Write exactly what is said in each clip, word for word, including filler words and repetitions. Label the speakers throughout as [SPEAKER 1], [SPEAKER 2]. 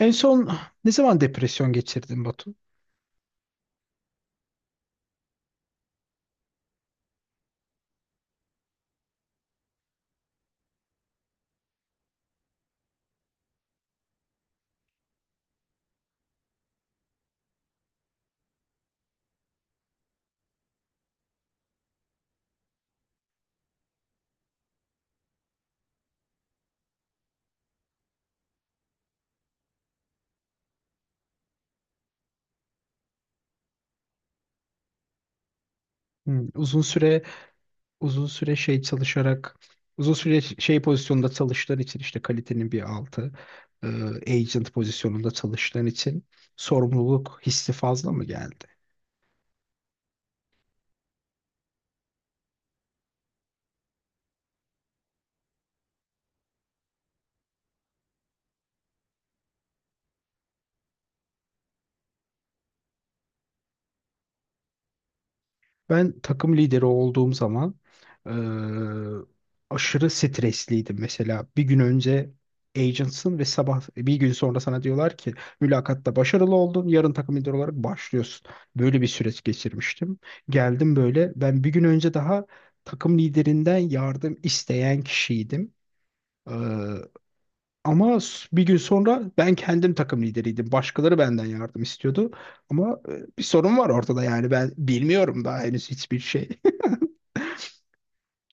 [SPEAKER 1] En son ne zaman depresyon geçirdin, Batu? Hmm, uzun süre uzun süre şey çalışarak uzun süre şey pozisyonda çalıştığın için, işte kalitenin bir altı, e, agent pozisyonunda çalıştığın için sorumluluk hissi fazla mı geldi? Ben takım lideri olduğum zaman eee, aşırı stresliydim. Mesela bir gün önce agentsın ve sabah bir gün sonra sana diyorlar ki mülakatta başarılı oldun, yarın takım lideri olarak başlıyorsun. Böyle bir süreç geçirmiştim. Geldim böyle, ben bir gün önce daha takım liderinden yardım isteyen kişiydim. Eee, ama s- bir gün sonra ben kendim takım lideriydim. Başkaları benden yardım istiyordu. Ama e, bir sorun var ortada, yani ben bilmiyorum daha henüz hiçbir şey.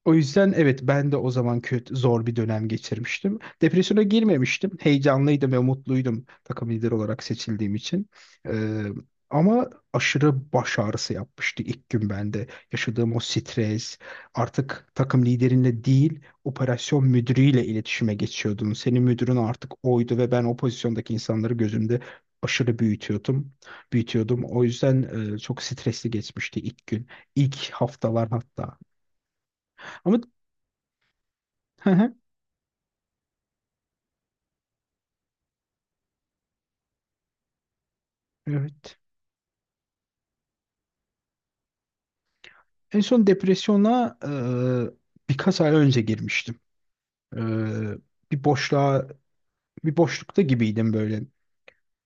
[SPEAKER 1] O yüzden evet, ben de o zaman kötü zor bir dönem geçirmiştim. Depresyona girmemiştim. Heyecanlıydım ve mutluydum takım lideri olarak seçildiğim için. Ee, ama aşırı baş ağrısı yapmıştı ilk gün bende. Yaşadığım o stres, artık takım liderinle değil operasyon müdürüyle iletişime geçiyordun. Senin müdürün artık oydu ve ben o pozisyondaki insanları gözümde aşırı büyütüyordum. Büyütüyordum. O yüzden e, çok stresli geçmişti ilk gün, ilk haftalar hatta. Ama Evet. En son depresyona e, birkaç ay önce girmiştim. E, bir boşluğa, bir boşlukta gibiydim böyle.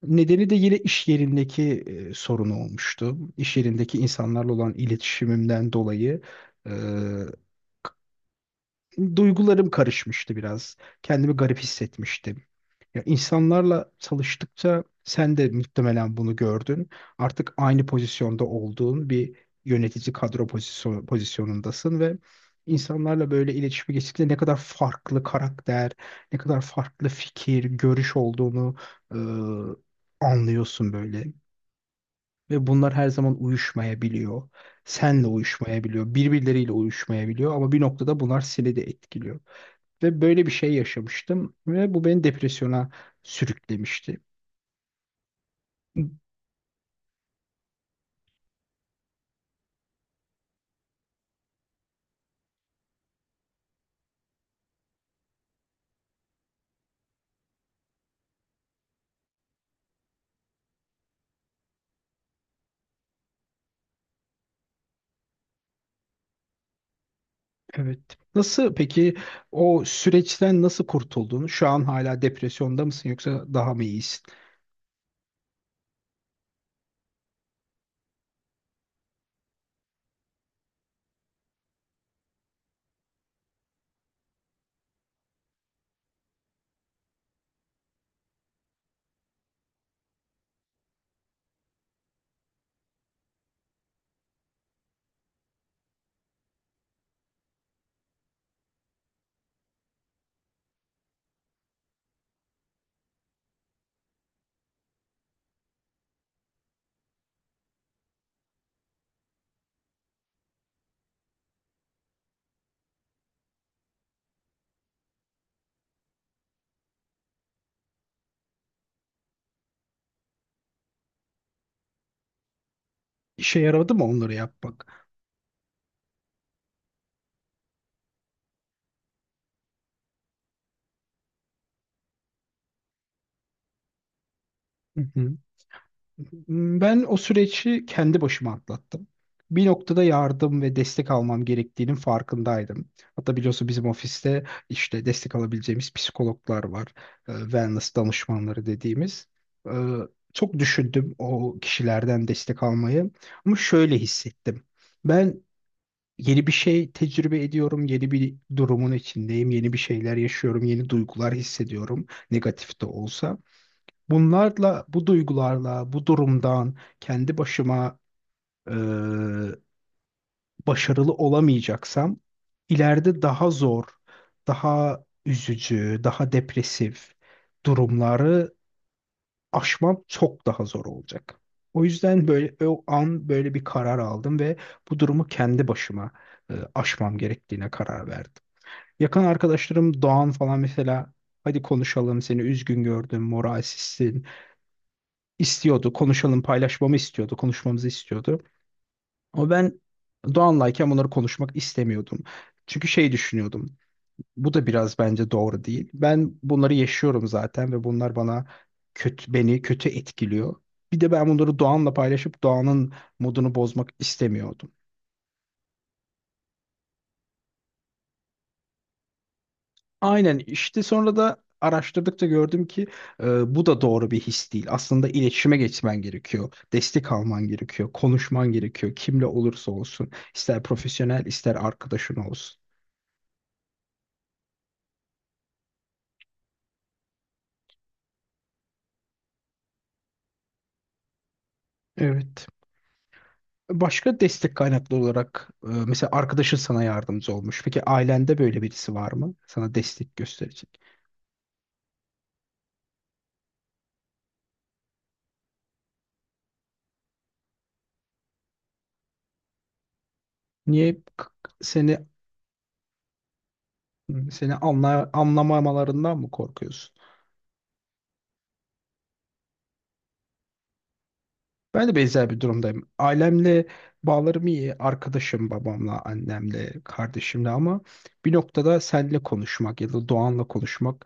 [SPEAKER 1] Nedeni de yine iş yerindeki e, sorun olmuştu. İş yerindeki insanlarla olan iletişimimden dolayı e, duygularım karışmıştı biraz. Kendimi garip hissetmiştim. Ya, insanlarla çalıştıkça sen de muhtemelen bunu gördün. Artık aynı pozisyonda olduğun bir yönetici kadro pozisyon, pozisyonundasın ve insanlarla böyle iletişime geçtikçe ne kadar farklı karakter, ne kadar farklı fikir, görüş olduğunu e, anlıyorsun böyle. Ve bunlar her zaman uyuşmayabiliyor. Senle uyuşmayabiliyor, birbirleriyle uyuşmayabiliyor ama bir noktada bunlar seni de etkiliyor. Ve böyle bir şey yaşamıştım ve bu beni depresyona sürüklemişti. Evet. Nasıl peki, o süreçten nasıl kurtuldun? Şu an hala depresyonda mısın yoksa daha mı iyisin? İşe yaradı mı onları yapmak? Hı hı. Hmm, ben o süreci kendi başıma atlattım. Bir noktada yardım ve destek almam gerektiğinin farkındaydım. Hatta biliyorsun, bizim ofiste işte destek alabileceğimiz psikologlar var. Ee, Wellness danışmanları dediğimiz. Ee, Çok düşündüm o kişilerden destek almayı. Ama şöyle hissettim. Ben yeni bir şey tecrübe ediyorum. Yeni bir durumun içindeyim. Yeni bir şeyler yaşıyorum. Yeni duygular hissediyorum. Negatif de olsa. Bunlarla, bu duygularla, bu durumdan kendi başıma e, başarılı olamayacaksam ileride daha zor, daha üzücü, daha depresif durumları aşmam çok daha zor olacak. O yüzden böyle o an böyle bir karar aldım ve bu durumu kendi başıma e, aşmam gerektiğine karar verdim. Yakın arkadaşlarım Doğan falan mesela, hadi konuşalım, seni üzgün gördüm, moralsizsin, istiyordu. Konuşalım, paylaşmamı istiyordu. Konuşmamızı istiyordu. Ama ben Doğan'layken bunları konuşmak istemiyordum. Çünkü şey düşünüyordum. Bu da biraz bence doğru değil. Ben bunları yaşıyorum zaten ve bunlar bana kötü beni kötü etkiliyor. Bir de ben bunları Doğan'la paylaşıp Doğan'ın modunu bozmak istemiyordum. Aynen işte, sonra da araştırdıkça gördüm ki e, bu da doğru bir his değil. Aslında iletişime geçmen gerekiyor. Destek alman gerekiyor. Konuşman gerekiyor. Kimle olursa olsun, ister profesyonel ister arkadaşın olsun. Evet. Başka destek kaynaklı olarak e, mesela arkadaşın sana yardımcı olmuş. Peki ailende böyle birisi var mı? Sana destek gösterecek. Niye k- seni seni anla, anlamamalarından mı korkuyorsun? Ben de benzer bir durumdayım. Ailemle bağlarım iyi. Arkadaşım babamla, annemle, kardeşimle, ama bir noktada seninle konuşmak ya da Doğan'la konuşmak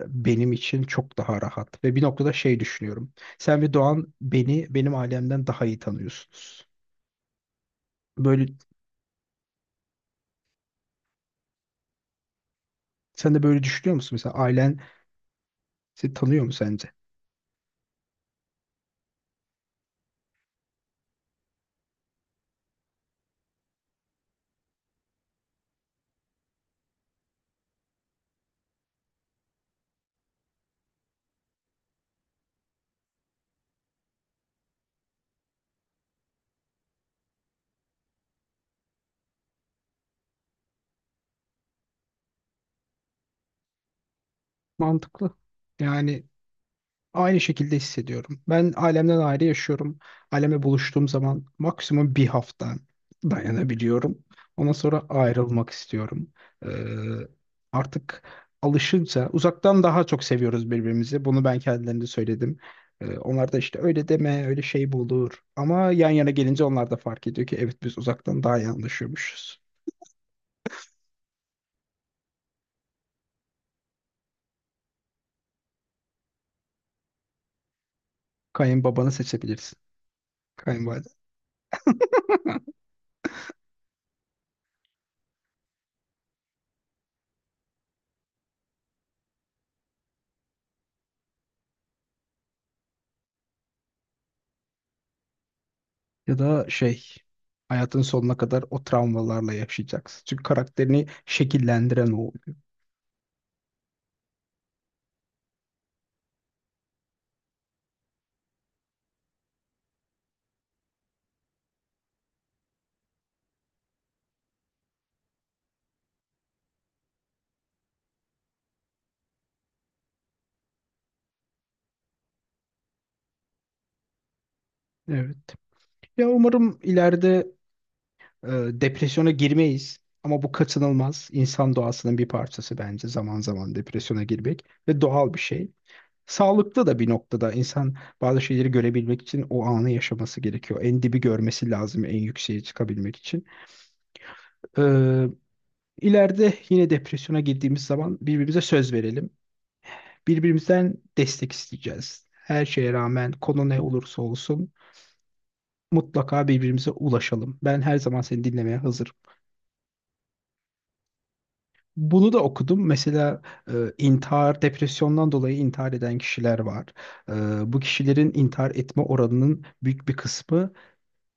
[SPEAKER 1] e, benim için çok daha rahat. Ve bir noktada şey düşünüyorum. Sen ve Doğan beni, benim ailemden daha iyi tanıyorsunuz. Böyle, sen de böyle düşünüyor musun? Mesela ailen seni tanıyor mu sence? Mantıklı. Yani aynı şekilde hissediyorum. Ben ailemden ayrı yaşıyorum. Ailemle buluştuğum zaman maksimum bir hafta dayanabiliyorum. Ondan sonra ayrılmak istiyorum. Ee, artık alışınca uzaktan daha çok seviyoruz birbirimizi. Bunu ben kendilerine söyledim. Ee, onlar da işte öyle deme, öyle şey bu olur. Ama yan yana gelince onlar da fark ediyor ki evet, biz uzaktan daha iyi anlaşıyormuşuz. Kayınbabanı seçebilirsin. Kayınvalide. Ya da şey, hayatın sonuna kadar o travmalarla yaşayacaksın. Çünkü karakterini şekillendiren o oluyor. Evet. Ya, umarım ileride e, depresyona girmeyiz. Ama bu kaçınılmaz. İnsan doğasının bir parçası bence zaman zaman depresyona girmek ve doğal bir şey. Sağlıklı da bir noktada insan bazı şeyleri görebilmek için o anı yaşaması gerekiyor. En dibi görmesi lazım en yükseğe çıkabilmek için. Ee, ileride yine depresyona girdiğimiz zaman birbirimize söz verelim. Birbirimizden destek isteyeceğiz. Her şeye rağmen, konu ne olursa olsun, mutlaka birbirimize ulaşalım. Ben her zaman seni dinlemeye hazırım. Bunu da okudum. Mesela e, intihar, depresyondan dolayı intihar eden kişiler var. E, bu kişilerin intihar etme oranının büyük bir kısmı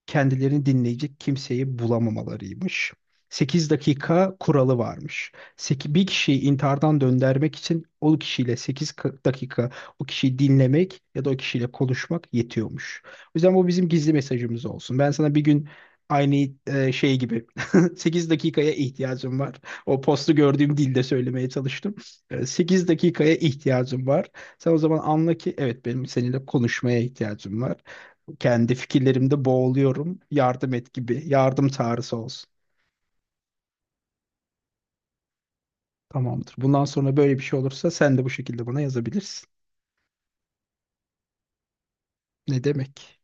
[SPEAKER 1] kendilerini dinleyecek kimseyi bulamamalarıymış. Sekiz dakika kuralı varmış. Seki- Bir kişiyi intihardan döndürmek için o kişiyle sekiz dakika o kişiyi dinlemek ya da o kişiyle konuşmak yetiyormuş. O yüzden bu bizim gizli mesajımız olsun. Ben sana bir gün aynı e, şey gibi sekiz dakikaya ihtiyacım var. O postu gördüğüm dilde söylemeye çalıştım. E, Sekiz dakikaya ihtiyacım var. Sen o zaman anla ki evet, benim seninle konuşmaya ihtiyacım var. Kendi fikirlerimde boğuluyorum. Yardım et gibi. Yardım çağrısı olsun. Tamamdır. Bundan sonra böyle bir şey olursa sen de bu şekilde bana yazabilirsin. Ne demek?